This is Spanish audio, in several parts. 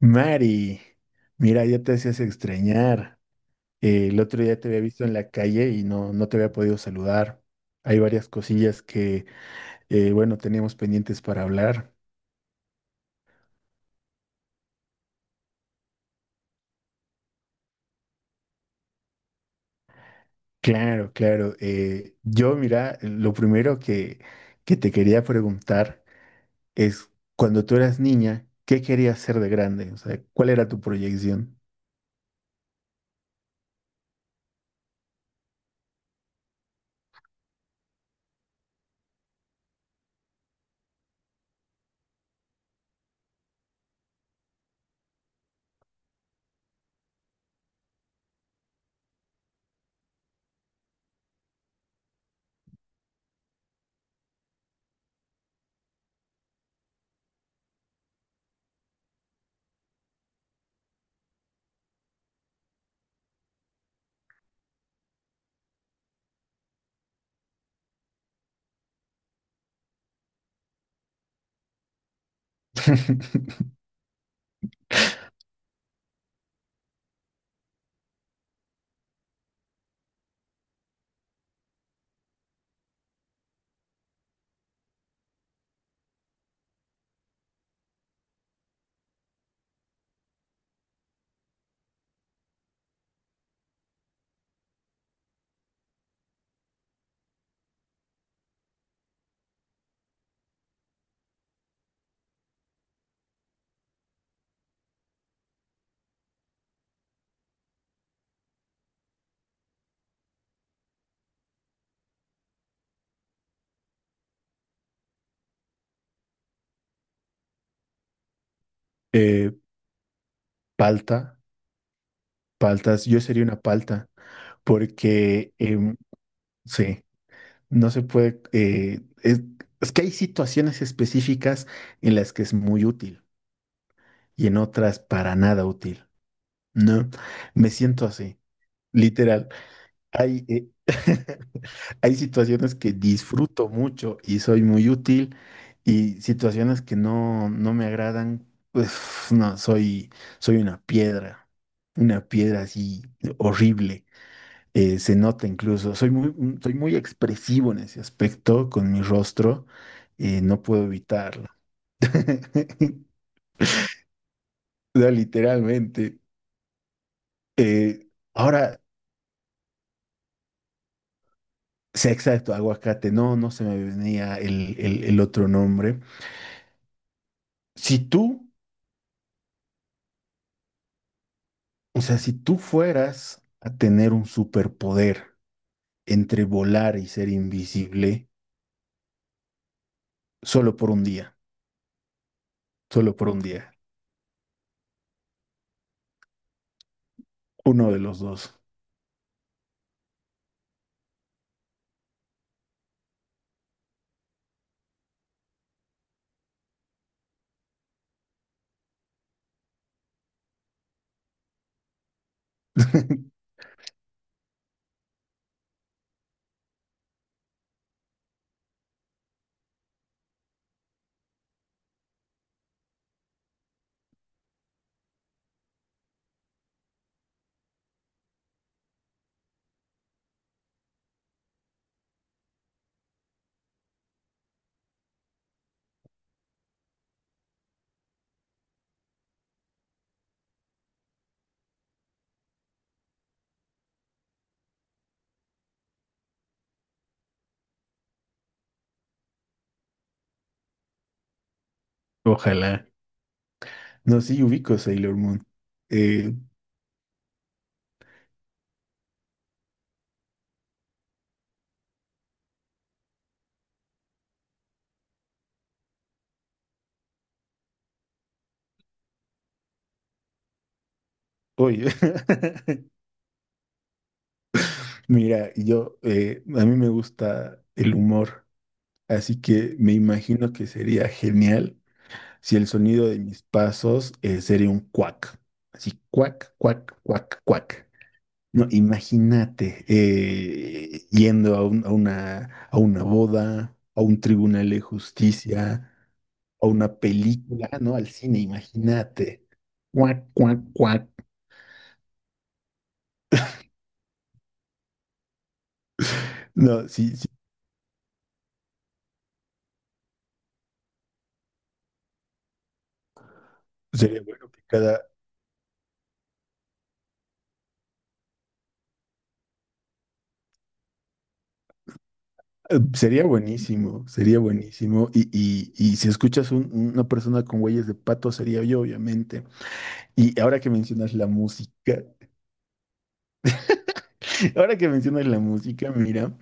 Mari, mira, ya te hacías extrañar. El otro día te había visto en la calle y no te había podido saludar. Hay varias cosillas que, bueno, teníamos pendientes para hablar. Claro, claro. Yo, mira, lo primero que te quería preguntar es, cuando tú eras niña, ¿qué querías ser de grande? O sea, ¿cuál era tu proyección? Eh, Palta, paltas, yo sería una palta, porque, sí. No se puede, es que hay situaciones específicas en las que es muy útil y en otras para nada útil, ¿no? Me siento así, literal. Hay, hay situaciones que disfruto mucho y soy muy útil y situaciones que no, no me agradan, pues no, soy, soy una piedra así horrible se nota incluso, soy muy, soy muy expresivo en ese aspecto con mi rostro, no puedo evitarlo. O sea, literalmente. Eh, Ahora, sea exacto, aguacate, no, no se me venía el otro nombre. Si tú, o sea, si tú fueras a tener un superpoder entre volar y ser invisible, solo por un día, solo por un día, uno de los dos. Ojalá. No, sí, ubico Sailor Moon. Eh, oye, mira, yo, a mí me gusta el humor, así que me imagino que sería genial si el sonido de mis pasos sería un cuac, así cuac, cuac, cuac, cuac. No, imagínate yendo a, a una boda, a un tribunal de justicia, a una película, ¿no? Al cine, imagínate. Cuac, cuac, cuac. No, sí, sí. Sería bueno que cada... Sería buenísimo, sería buenísimo. Y si escuchas una persona con huellas de pato, sería yo, obviamente. Y ahora que mencionas la música, ahora que mencionas la música, mira,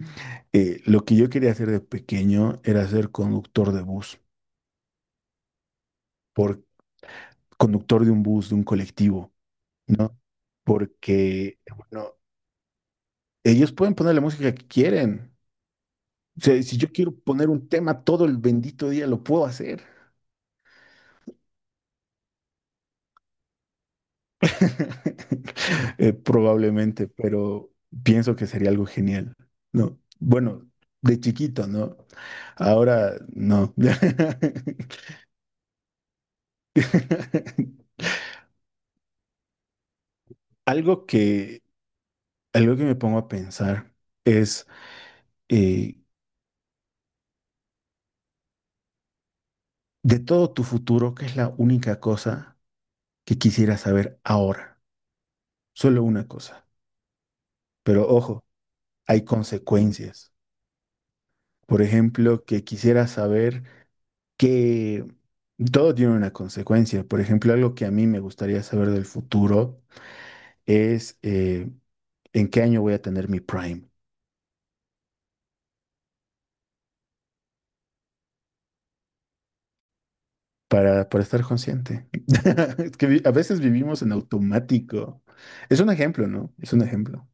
lo que yo quería hacer de pequeño era ser conductor de bus, por, conductor de un bus, de un colectivo, ¿no? Porque, bueno, ellos pueden poner la música que quieren. O sea, si yo quiero poner un tema todo el bendito día, lo puedo hacer. Probablemente, pero pienso que sería algo genial. No, bueno, de chiquito, ¿no? Ahora no. Algo que, algo que me pongo a pensar es eh, de todo tu futuro, ¿qué es la única cosa que quisiera saber ahora? Solo una cosa. Pero ojo, hay consecuencias. Por ejemplo, que quisiera saber que todo tiene una consecuencia. Por ejemplo, algo que a mí me gustaría saber del futuro es en qué año voy a tener mi Prime para estar consciente. Es que a veces vivimos en automático. Es un ejemplo, ¿no? Es un ejemplo.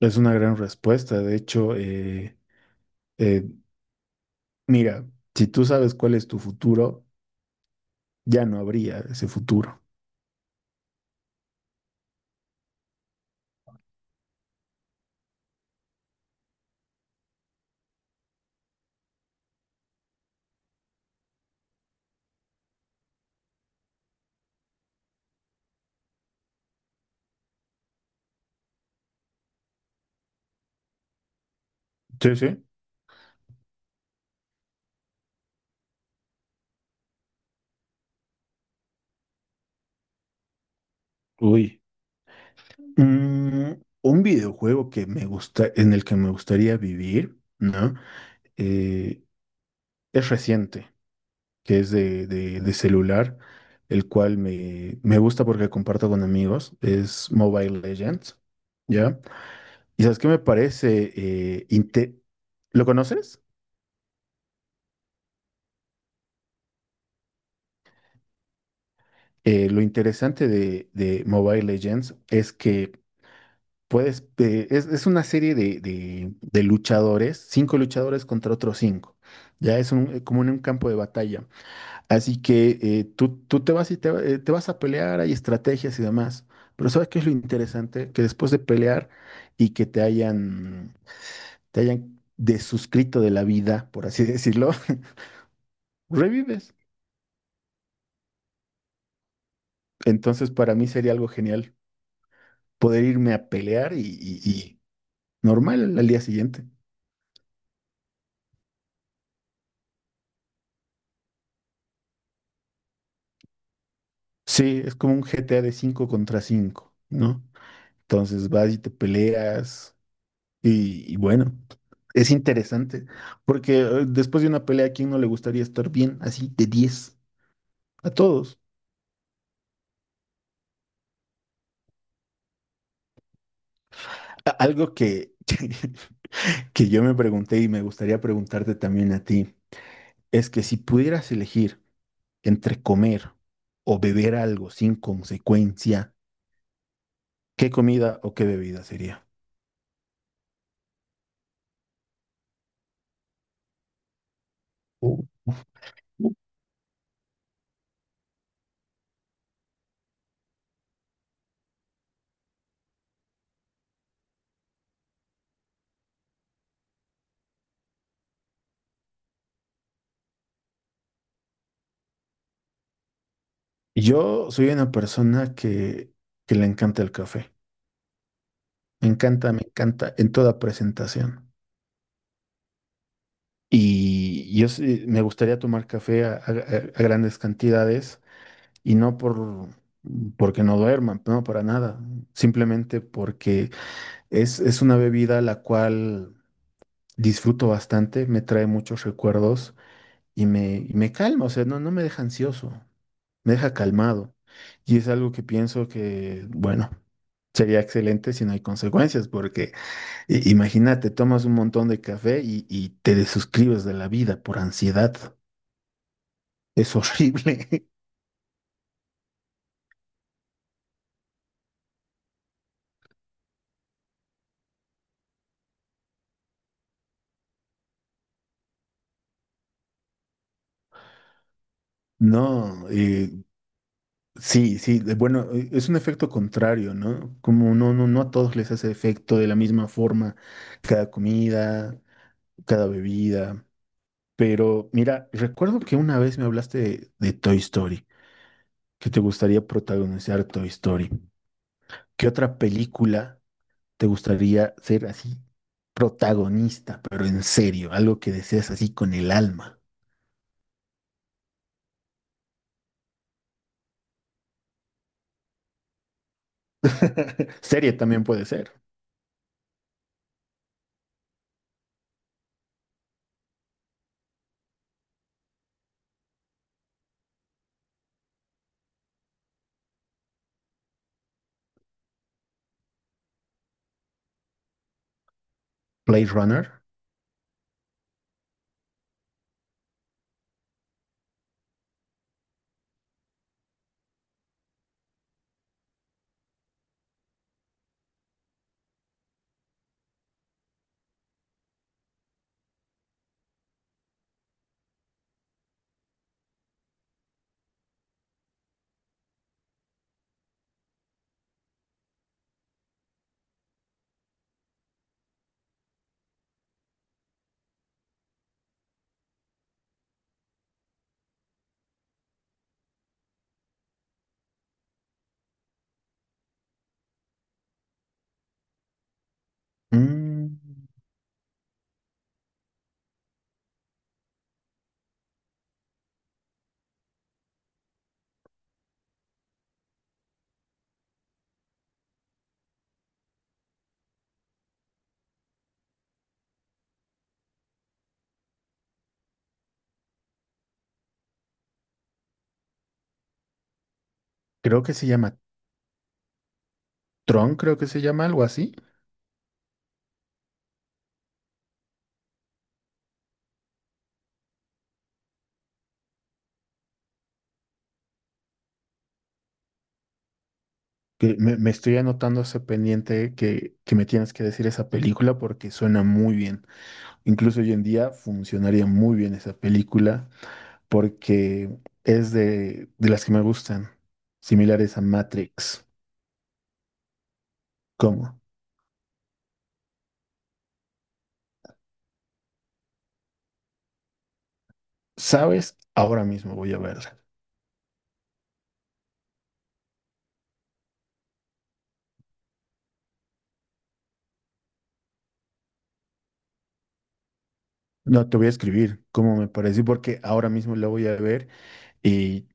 Es una gran respuesta. De hecho, eh, mira, si tú sabes cuál es tu futuro, ya no habría ese futuro. Sí, sí. Uy. Mm, un videojuego que me gusta, en el que me gustaría vivir, ¿no? Eh, es reciente, que es de celular, el cual me, me gusta porque comparto con amigos, es Mobile Legends, ¿ya? ¿Y sabes qué me parece? ¿Lo conoces? Lo interesante de Mobile Legends es que puedes, es una serie de luchadores, cinco luchadores contra otros cinco. Ya es un, como en un campo de batalla. Así que tú, tú te vas y te vas a pelear, hay estrategias y demás. Pero ¿sabes qué es lo interesante? Que después de pelear y que te hayan desuscrito de la vida, por así decirlo, revives. Entonces para mí sería algo genial poder irme a pelear y normal al día siguiente. Sí, es como un GTA de 5 contra 5, ¿no? Entonces vas y te peleas y bueno, es interesante, porque después de una pelea, ¿a quién no le gustaría estar bien así de diez? A todos. Algo que, que yo me pregunté y me gustaría preguntarte también a ti, es que si pudieras elegir entre comer o beber algo sin consecuencia, ¿qué comida o qué bebida sería? Uh. Yo soy una persona que le encanta el café. Me encanta en toda presentación. Y yo me gustaría tomar café a grandes cantidades y no por porque no duerman, no para nada. Simplemente porque es una bebida la cual disfruto bastante, me trae muchos recuerdos y me calma. O sea, no, no me deja ansioso, me deja calmado. Y es algo que pienso que, bueno. Sería excelente si no hay consecuencias, porque imagínate, tomas un montón de café y te desuscribes de la vida por ansiedad. Es horrible. No, sí, sí, bueno, es un efecto contrario, ¿no? Como no, no, no a todos les hace efecto de la misma forma cada comida, cada bebida. Pero mira, recuerdo que una vez me hablaste de Toy Story, que te gustaría protagonizar Toy Story. ¿Qué otra película te gustaría ser así protagonista, pero en serio, algo que deseas así con el alma? Serie también puede ser. Blade Runner. Mm, creo que se llama Tron, creo que se llama algo así. Que me estoy anotando ese pendiente que me tienes que decir esa película porque suena muy bien. Incluso hoy en día funcionaría muy bien esa película porque es de las que me gustan, similares a Matrix. ¿Cómo? ¿Sabes? Ahora mismo voy a verla. No, te voy a escribir cómo me pareció, porque ahora mismo la voy a ver y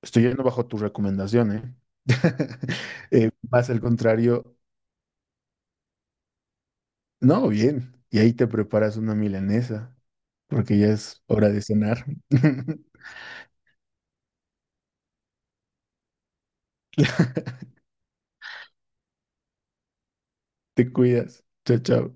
estoy yendo bajo tu recomendación, ¿eh? Más al contrario, no, bien. Y ahí te preparas una milanesa, porque ya es hora de cenar. Te cuidas. Chao, chao.